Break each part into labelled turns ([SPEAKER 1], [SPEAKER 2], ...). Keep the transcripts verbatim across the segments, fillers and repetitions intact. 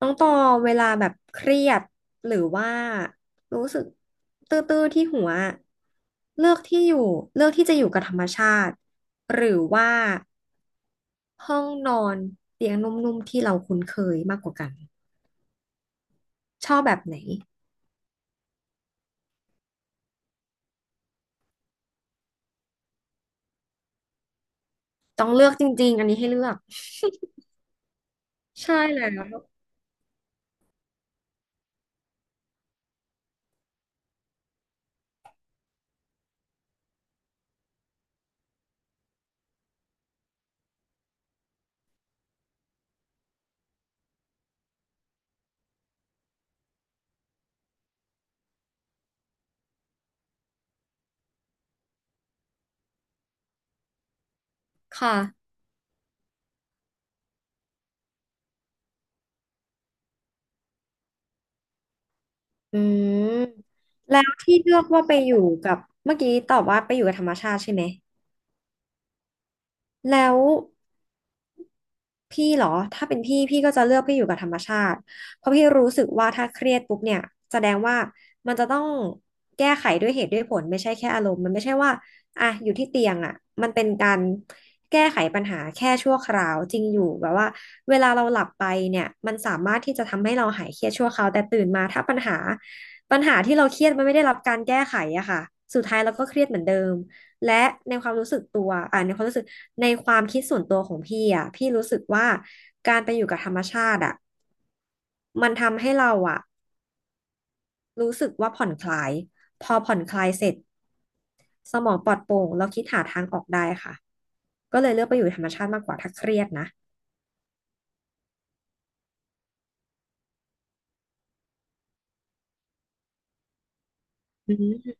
[SPEAKER 1] น้องตอเวลาแบบเครียดหรือว่ารู้สึกตื้อๆที่หัวเลือกที่อยู่เลือกที่จะอยู่กับธรรมชาติหรือว่าห้องนอนเตียงนุ่มๆที่เราคุ้นเคยมากกว่ากันชอบแบบไหนต้องเลือกจริงๆอันนี้ให้เลือกใช่แล้วค่ะอืมแล้วที่เลือกว่าไปอยู่กับเมื่อกี้ตอบว่าไปอยู่กับธรรมชาติใช่ไหมแล้ว พี่เหรอถ้าเป็นพี่พี่ก็จะเลือกพี่อยู่กับธรรมชาติเพราะพี่รู้สึกว่าถ้าเครียดปุ๊บเนี่ยแสดงว่ามันจะต้องแก้ไขด้วยเหตุด้วยผลไม่ใช่แค่อารมณ์มันไม่ใช่ว่าอ่ะอยู่ที่เตียงอ่ะมันเป็นการแก้ไขปัญหาแค่ชั่วคราวจริงอยู่แบบว่าเวลาเราหลับไปเนี่ยมันสามารถที่จะทำให้เราหายเครียดชั่วคราวแต่ตื่นมาถ้าปัญหาปัญหาที่เราเครียดมันไม่ได้รับการแก้ไขอะค่ะสุดท้ายเราก็เครียดเหมือนเดิม และในความรู้สึกตัวอ่าในความรู้สึกในความคิดส่วนตัวของพี่อ่ะพี่รู้สึกว่าการไปอยู่กับธรรมชาติอ่ะมันทำให้เราอ่ะรู้สึกว่าผ่อนคลายพอผ่อนคลายเสร็จสมองปลอดโปร่งเราคิดหาทางออกได้ค่ะก็เลยเลือกไปอยู่ธรรมชาติมากกว่าถ้าเครียดนะอืม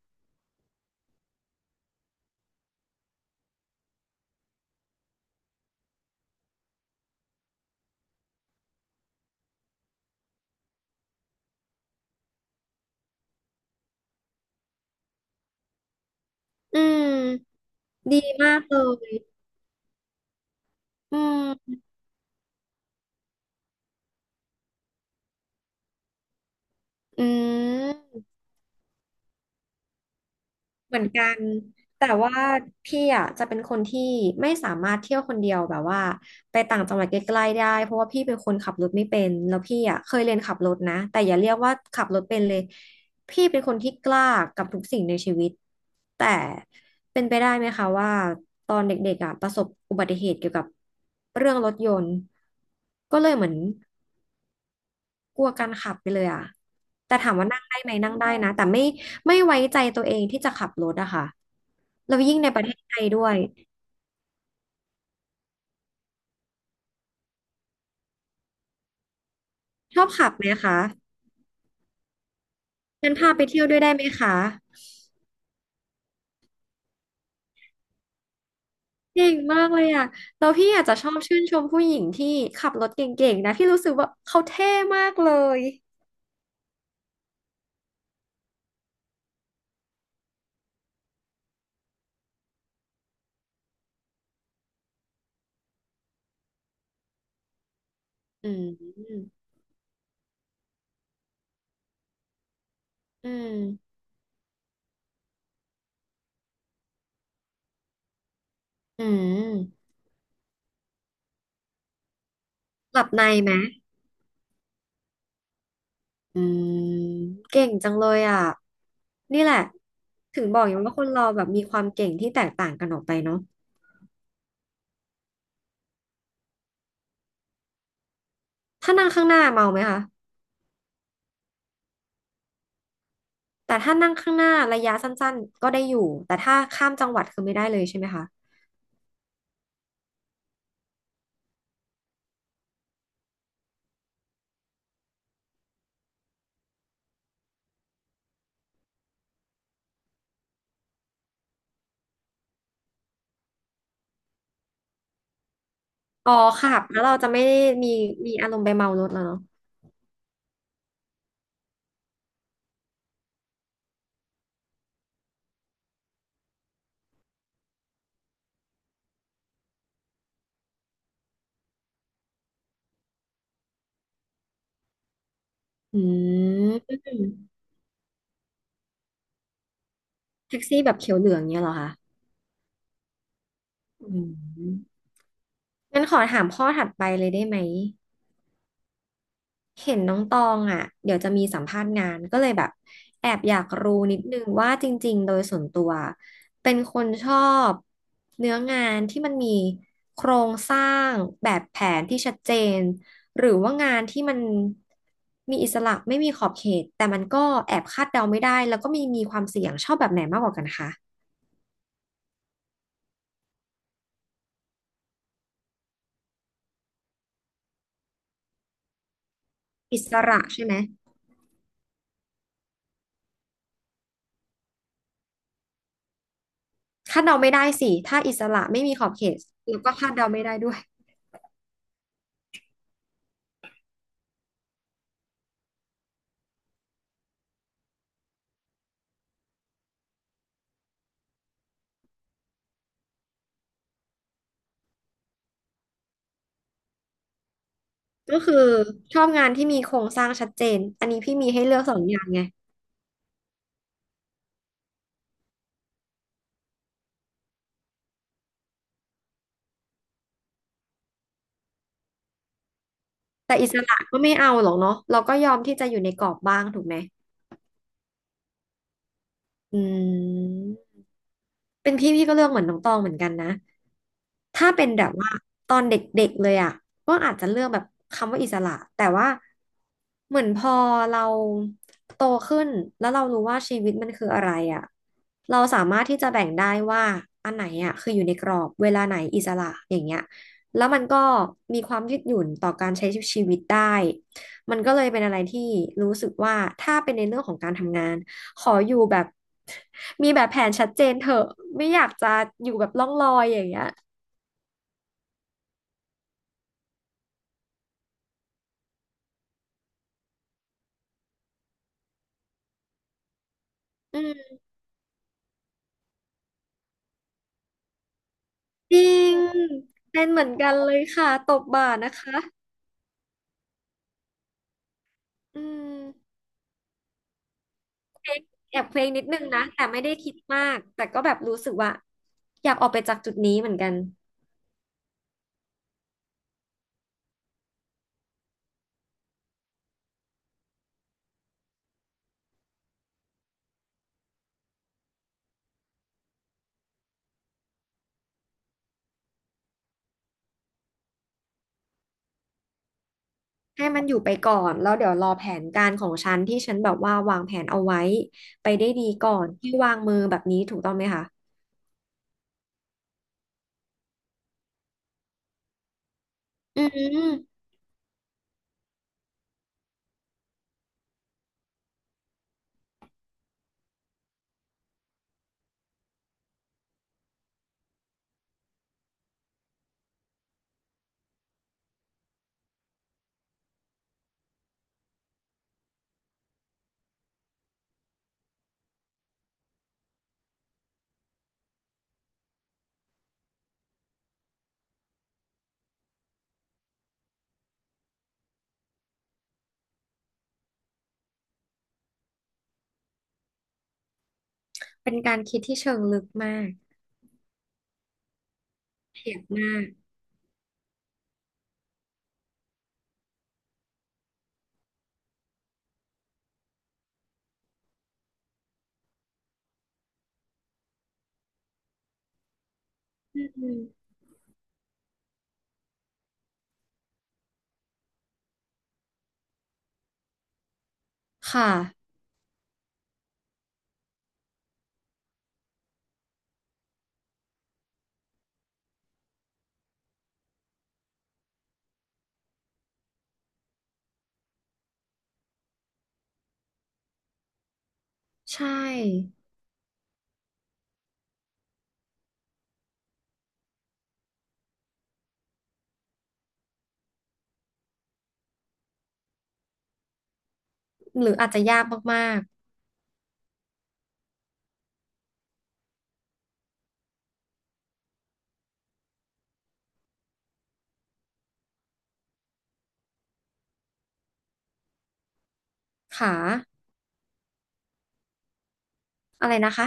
[SPEAKER 1] อืมดีมากเลยอืมอืม เหมือนกันแต่ว่าพี่อ่ะจะเป็นคนที่ไม่สามารถเที่ยวคนเดียวแบบว่าไปต่างจังหวัดใกล้ๆได้เพราะว่าพี่เป็นคนขับรถไม่เป็นแล้วพี่อ่ะเคยเรียนขับรถนะแต่อย่าเรียกว่าขับรถเป็นเลยพี่เป็นคนที่กล้ากับทุกสิ่งในชีวิตแต่เป็นไปได้ไหมคะว่าตอนเด็กๆอ่ะประสบอุบัติเหตุเกี่ยวกับเรื่องรถยนต์ก็เลยเหมือน กลัวการขับไปเลยอ่ะแต่ถามว่านั่งได้ไหมนั่งได้นะ แต่ไม่ไม่ไว้ใจตัวเองที่จะขับรถอะค่ะแล้วยิ่งในประเทศไทยด้วยชอบขับไหมคะงั้นพาไปเที่ยวด้วยได้ไหมคะ เก่งมากเลยอะแล้วพี่อาจจะชอบชื่นชมผู้หญิงที่ขับรถเก่งๆนะพี่รู้สึกว่าเขาเท่มากเลยอืมอืมอืมหลับในไหมอืมเก่งจังเลยอ่ะนี่แหละ ถึงบอกอย่างว่าคนเราแบบมีความเก่งที่แตกต่างกันออกไปเนาะ ถ้านั่งข้างหน้าเมาไหมคะแต่ถ้านั่งข้างหน้าระยะสั้นๆก็ได้อยู่ แต่ถ้าข้ามจังหวัดคือไม่ได้เลยใช่ไหมคะ อ๋อค่ะแล้วเราจะไม่ได้มีมีอารมณ์ไปเมารถแล้วเนาะอืมแท็กซี่แบบเขียวเหลืองเนี้ยเหรอคะอืมงั้นขอถามข้อถัดไปเลยได้ไหม เห็นน้องตองอ่ะเดี๋ยวจะมีสัมภาษณ์งานก็เลยแบบแอบอยากรู้นิดนึงว่าจริงๆโดยส่วนตัวเป็นคนชอบเนื้องานที่มันมีโครงสร้างแบบแผนที่ชัดเจนหรือว่างานที่มันมีอิสระไม่มีขอบเขตแต่มันก็แอบคาดเดาไม่ได้แล้วก็มีมีความเสี่ยงชอบแบบไหนมากกว่ากันคะอิสระใช่ไหมคาดเดาไม่ได้สิถ้าอิสระไม่มีขอบเขตแล้วก็คาดเดาไม่ได้ด้วย ก็คือชอบงานที่มีโครงสร้างชัดเจน อันนี้พี่มีให้เลือกสองอย่างไง แต่อิสระก็ไม่เอาหรอกเนาะเราก็ยอมที่จะอยู่ในกรอบบ้างถูกไหมอืม เป็นพี่พี่ก็เลือกเหมือนน้องตองเหมือนกันนะ ถ้าเป็นแบบว่าตอนเด็กๆเลยอ่ะก็อาจจะเลือกแบบคำว่าอิสระ แต่ว่าเหมือนพอเราโตขึ้นแล้วเรารู้ว่าชีวิตมันคืออะไรอ่ะเราสามารถที่จะแบ่งได้ว่าอันไหนอ่ะคืออยู่ในกรอบเวลาไหนอิสระอย่างเงี้ยแล้วมันก็มีความยืดหยุ่นต่อการใช้ชีวิตได้ มันก็เลยเป็นอะไรที่รู้สึกว่าถ้าเป็นในเรื่องของการทำงานขออยู่แบบมีแบบแผนชัดเจนเถอะไม่อยากจะอยู่แบบล่องลอยอย่างเงี้ยอืมจริงเป็นเหมือนกันเลยค่ะตบบ่านะคะอืมแอบเพลงนิดนึงนะแต่ไม่ได้คิดมากแต่ก็แบบรู้สึกว่าอยากออกไปจากจุดนี้เหมือนกันให้มันอยู่ไปก่อนแล้วเดี๋ยวรอแผนการของฉันที่ฉันแบบว่าวางแผนเอาไว้ไปได้ดีก่อนที่วางมือแบบนี้ถูกต้องไหมคะอืม เป็นการคิดที่เชิงลึกมากเอียบมากอืมค่ะ ใช่ หรืออาจจะยากมากๆค่ะอะไรนะคะ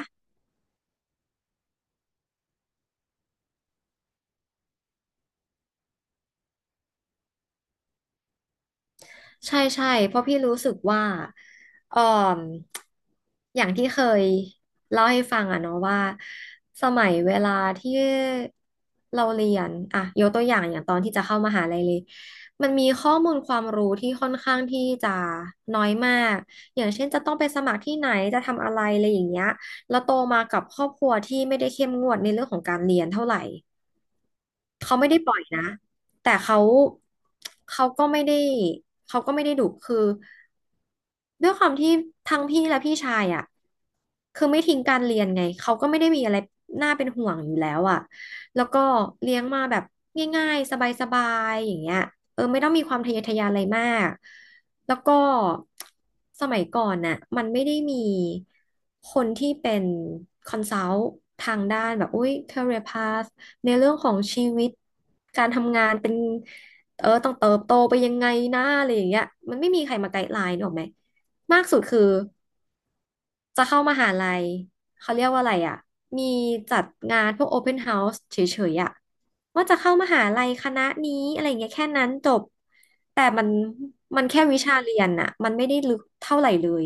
[SPEAKER 1] ใช่ใช่เพราะพี่รู้สึกว่าเอ่ออย่างที่เคยเล่าให้ฟังอะเนาะว่าสมัยเวลาที่เราเรียนอะยกตัวอย่างอย่างตอนที่จะเข้ามหาลัยเลยมันมีข้อมูลความรู้ที่ค่อนข้างที่จะน้อยมากอย่างเช่นจะต้องไปสมัครที่ไหนจะทำอะไรอะไรอย่างเงี้ยแล้วโตมากับครอบครัวที่ไม่ได้เข้มงวดในเรื่องของการเรียนเท่าไหร่ เขาไม่ได้ปล่อยนะแต่เขาเขาก็ไม่ได้เขาก็ไม่ได้ดุคือ ด้วยความที่ทั้งพี่และพี่ชายอ่ะคือไม่ทิ้งการเรียนไงเขาก็ไม่ได้มีอะไรน่าเป็นห่วงอยู่แล้วอ่ะแล้วก็เลี้ยงมาแบบง่ายๆสบายๆอย่างเงี้ยเออไม่ต้องมีความทะเยอทะยานอะไรมากแล้วก็สมัยก่อนน่ะมันไม่ได้มีคนที่เป็นคอนซัลท์ทางด้านแบบอุ้ย career path ในเรื่องของชีวิตการทำงานเป็นเออต้องเติบโตไปยังไงนะอะไรอย่างเงี้ยมันไม่มีใครมาไกด์ไลน์หรอกไหม มากสุดคือจะเข้ามหาลัยเขาเรียกว่าอะไรอ่ะมีจัดงานพวก Open House เฉยๆอ่ะว่าจะเข้ามหาลัยคณะนี้อะไรเงี้ยแค่นั้นจบแต่มันมันแค่วิชาเรียนน่ะมันไม่ได้ลึกเท่าไหร่เลย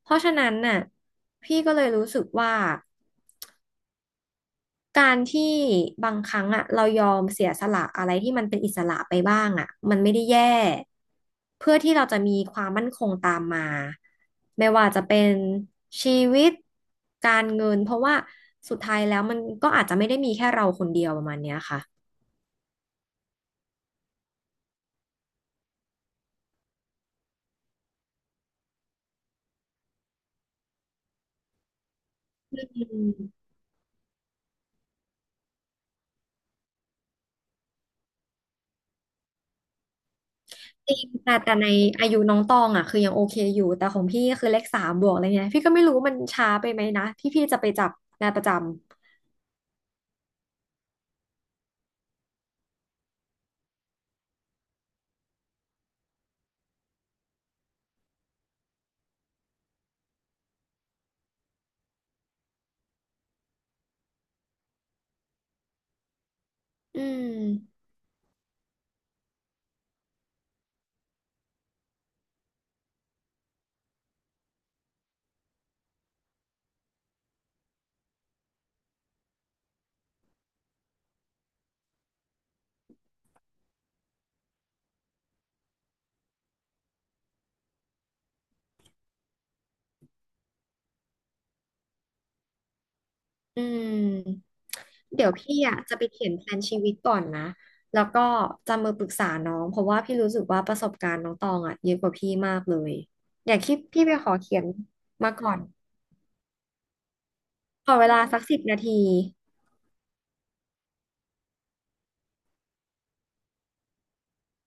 [SPEAKER 1] เพราะฉะนั้นน่ะพี่ก็เลยรู้สึกว่า การที่บางครั้งอ่ะเรายอมเสียสละอะไรที่มันเป็นอิสระไปบ้างอ่ะมันไม่ได้แย่เพื่อที่เราจะมีความมั่นคงตามมาไม่ว่าจะเป็นชีวิตการเงินเพราะว่าสุดท้ายแล้วมันก็อาจจะไม่ได้มีแค่เราคนเดียวประมาณเนี้ยค่ะอืมจริงแต่แต่ในอายุน้องตองอ่ะคือยังโอเคอยู่แต่ของพี่ก็คือเลขสามบวกอะไรเงี้ยพี่ก็ไม่รู้ว่ามันช้าไปไหมนะที่พี่จะไปจับงานประจำอืมอืม เดี๋ยวพี่อ่ะจะไปเขียนแผนชีวิตก่อนนะ แล้วก็จะมาปรึกษาน้อง เพราะว่าพี่รู้สึกว่าประสบการณ์น้องตองอ่ะเยอะกว่าพี่มากเลย อยากคิดพี่ไปขอเขียนมาก่อนขอเวลาสักสิบนาที